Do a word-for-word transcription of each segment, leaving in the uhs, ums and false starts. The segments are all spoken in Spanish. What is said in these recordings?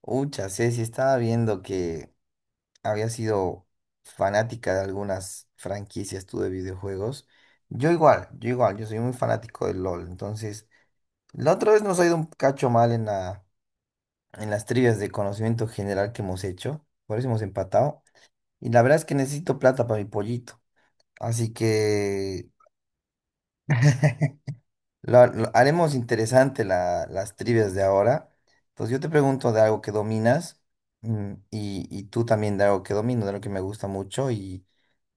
Ucha, Ceci, estaba viendo que había sido fanática de algunas franquicias tú de videojuegos. Yo igual, yo igual, yo soy muy fanático del LOL. Entonces, la otra vez nos ha ido un cacho mal en la, en las trivias de conocimiento general que hemos hecho. Por eso hemos empatado. Y la verdad es que necesito plata para mi pollito. Así que La- lo- haremos interesante la- las trivias de ahora. Entonces yo te pregunto de algo que dominas mm, y, y tú también de algo que domino, de algo que me gusta mucho y,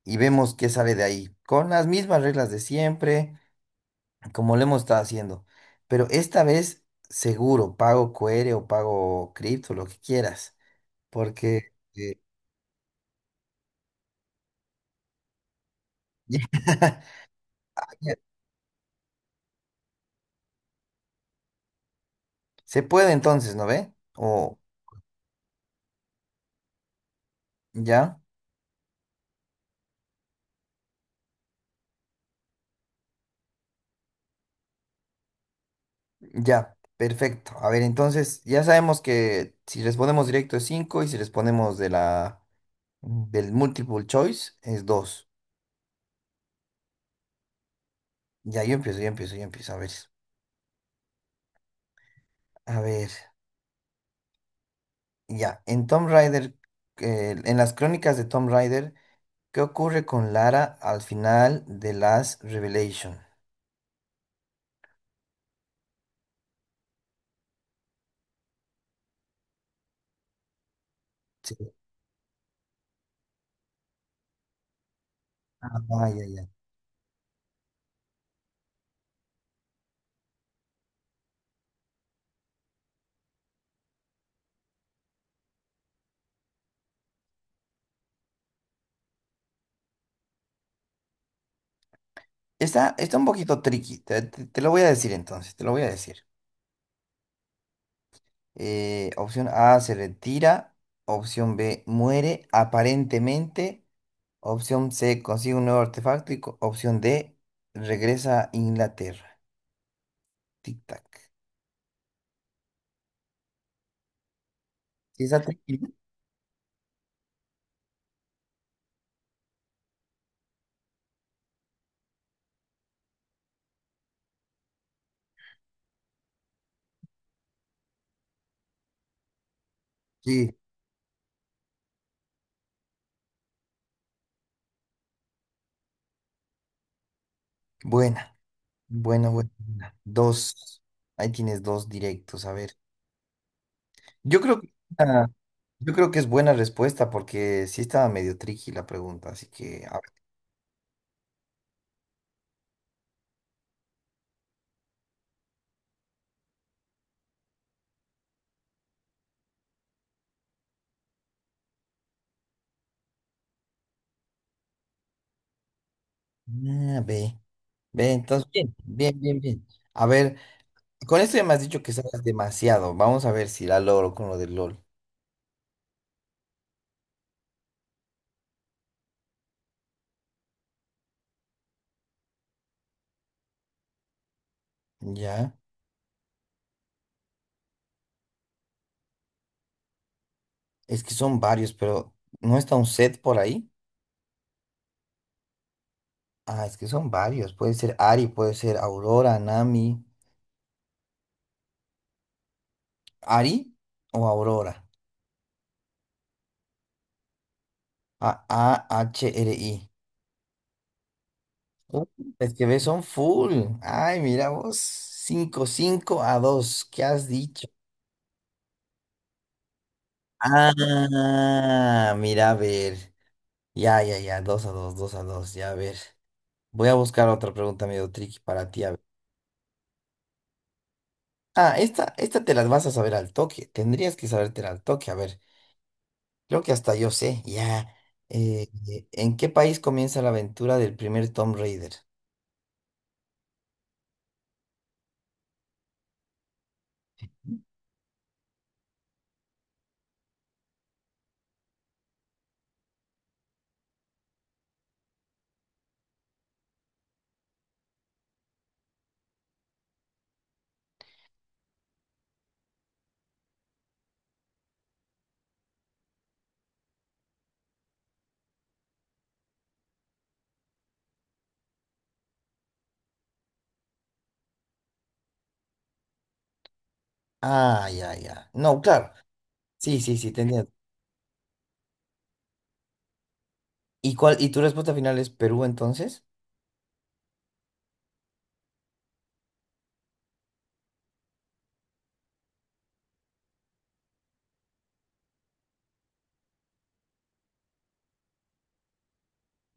y vemos qué sale de ahí. Con las mismas reglas de siempre, como lo hemos estado haciendo. Pero esta vez seguro, pago Q R o pago cripto, lo que quieras. Porque eh, ya- se puede entonces, ¿no ve? O ya. Ya, perfecto. A ver, entonces ya sabemos que si respondemos directo es cinco y si respondemos de la del multiple choice es dos. Ya, yo empiezo, yo empiezo, yo empiezo. A ver, a ver. Ya, en Tomb Raider, eh, en las crónicas de Tomb Raider, ¿qué ocurre con Lara al final de Last Revelation? Sí. Ah, ya, ya. Está, está un poquito tricky. te te- te lo voy a decir entonces, te lo voy a decir. Eh, opción A se retira. Opción B muere aparentemente. Opción C consigue un nuevo artefacto. Y co- opción D regresa a Inglaterra. Tic-tac. ¿Sí está tranquila? Sí, buena. Bueno, buena. Buena. Dos. Ahí tienes dos directos. A ver. Yo creo que, ah, yo creo que es buena respuesta porque sí estaba medio tricky la pregunta. Así que, a ver. Ah, B. B, entonces, bien, bien, bien, bien. A ver. Con esto ya me has dicho que sabes demasiado. Vamos a ver si la logro con lo del LOL. Ya. Es que son varios, pero ¿no está un set por ahí? Ah, es que son varios. Puede ser Ari, puede ser Aurora, Nami. ¿Ari o Aurora? A A H R I. Uh, Es que ves, son full. Ay, mira vos. Cinco 5 a dos. ¿Qué has dicho? Ah, mira, a ver. Ya, ya, ya. Dos a dos dos a dos. Ya, a ver. Voy a buscar otra pregunta medio tricky para ti. A ver. Ah, esta, esta te las vas a saber al toque. Tendrías que sabértela al toque. A ver, creo que hasta yo sé, ya. Eh, eh, ¿en qué país comienza la aventura del primer Tomb Raider? Ah, ya, ya. No, claro. Sí, sí, sí, te entiendo. ¿Y cuál, y tu respuesta final es Perú entonces?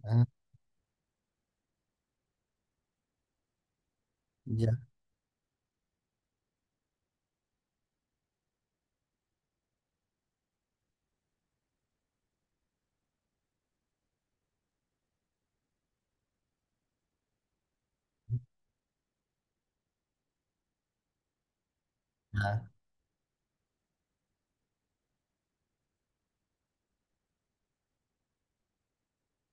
Ah, ya. Ah.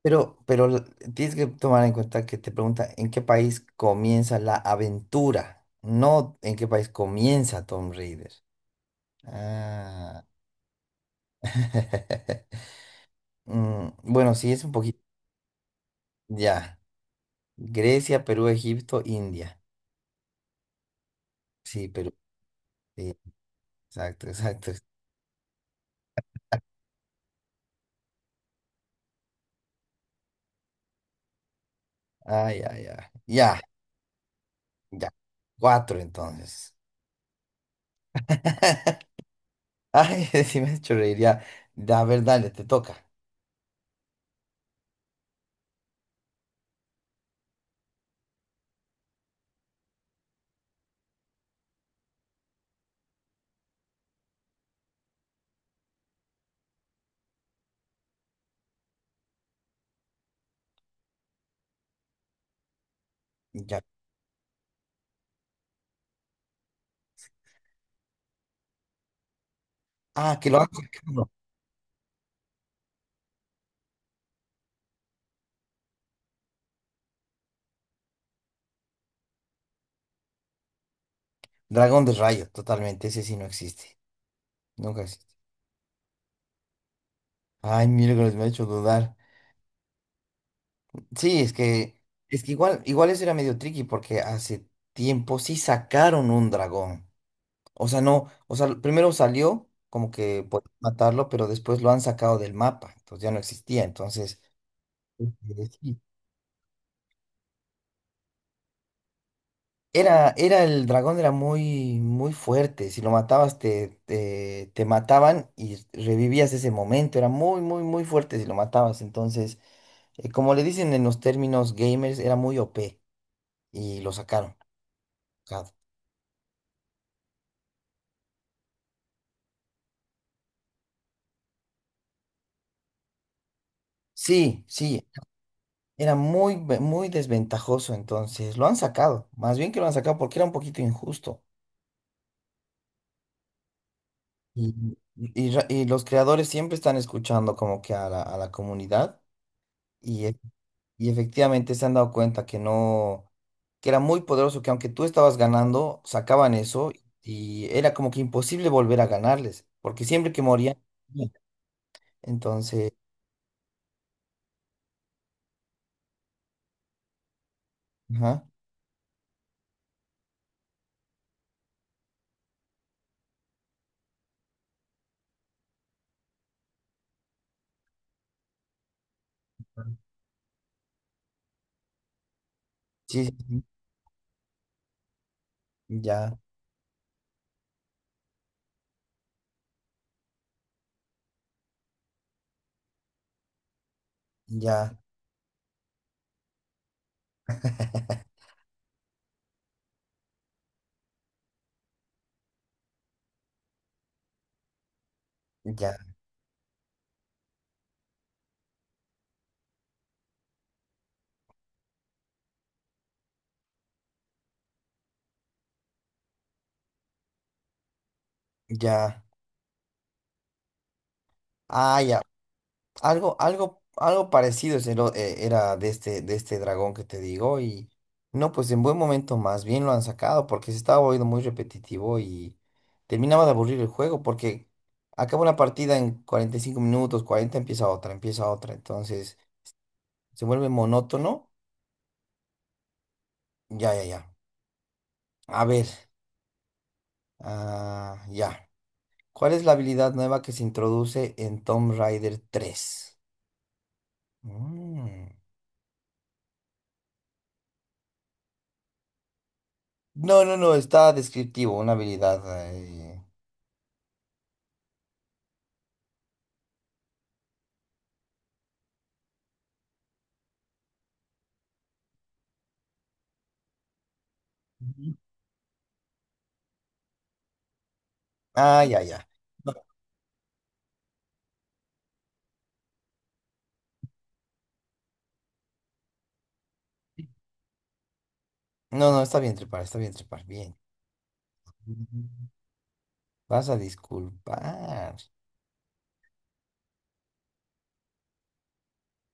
Pero, pero la- tienes que tomar en cuenta que te pregunta en qué país comienza la aventura, no en qué país comienza Tomb Raider. Ah. Mm, bueno, sí, es un poquito. Ya. Grecia, Perú, Egipto, India. Sí, Perú. Sí, exacto, exacto. Ay, ay, ay. Ya, ya. Cuatro entonces. Ay, sí me has hecho reír. Ya, ya, a ver, dale, te toca. Ya. Ah, que lo han sacado. Dragón de rayo, totalmente. Ese sí no existe. Nunca existe. Ay, miércoles, me ha hecho dudar. Sí, es que, es que igual, igual eso era medio tricky porque hace tiempo sí sacaron un dragón. O sea, no, o sea, primero salió como que por matarlo, pero después lo han sacado del mapa, entonces ya no existía. Entonces, este, sí, era, era el dragón, era muy, muy fuerte. Si lo matabas, te, te, te mataban y revivías ese momento. Era muy, muy, muy fuerte si lo matabas. Entonces, eh, como le dicen en los términos gamers, era muy O P y lo sacaron. Sacado. Sí, sí, era muy, ve- muy desventajoso. Entonces, lo han sacado. Más bien que lo han sacado porque era un poquito injusto. Y, y ra- y los creadores siempre están escuchando como que a la, a la comunidad y, e- y efectivamente se han dado cuenta que no, que era muy poderoso, que aunque tú estabas ganando, sacaban eso y era como que imposible volver a ganarles, porque siempre que morían, perdían. Entonces, ajá, sí, sí, sí, ya, ya, ya, ya, ah, ya. Algo, algo, algo parecido es el o- eh, era de este, de este dragón que te digo y no, pues en buen momento más bien lo han sacado porque se estaba volviendo muy repetitivo y terminaba de aburrir el juego porque acaba una partida en cuarenta y cinco minutos, cuarenta empieza otra, empieza otra, entonces se vuelve monótono. Ya, ya, ya. A ver, ah, ya. ¿Cuál es la habilidad nueva que se introduce en Tomb Raider tres? Mm. No, no, no, está descriptivo, una habilidad. eh, Ujú. Ah, ya, ya. No, no, no, está bien trepar, está bien trepar, bien. Ujú. Vas a disculpar.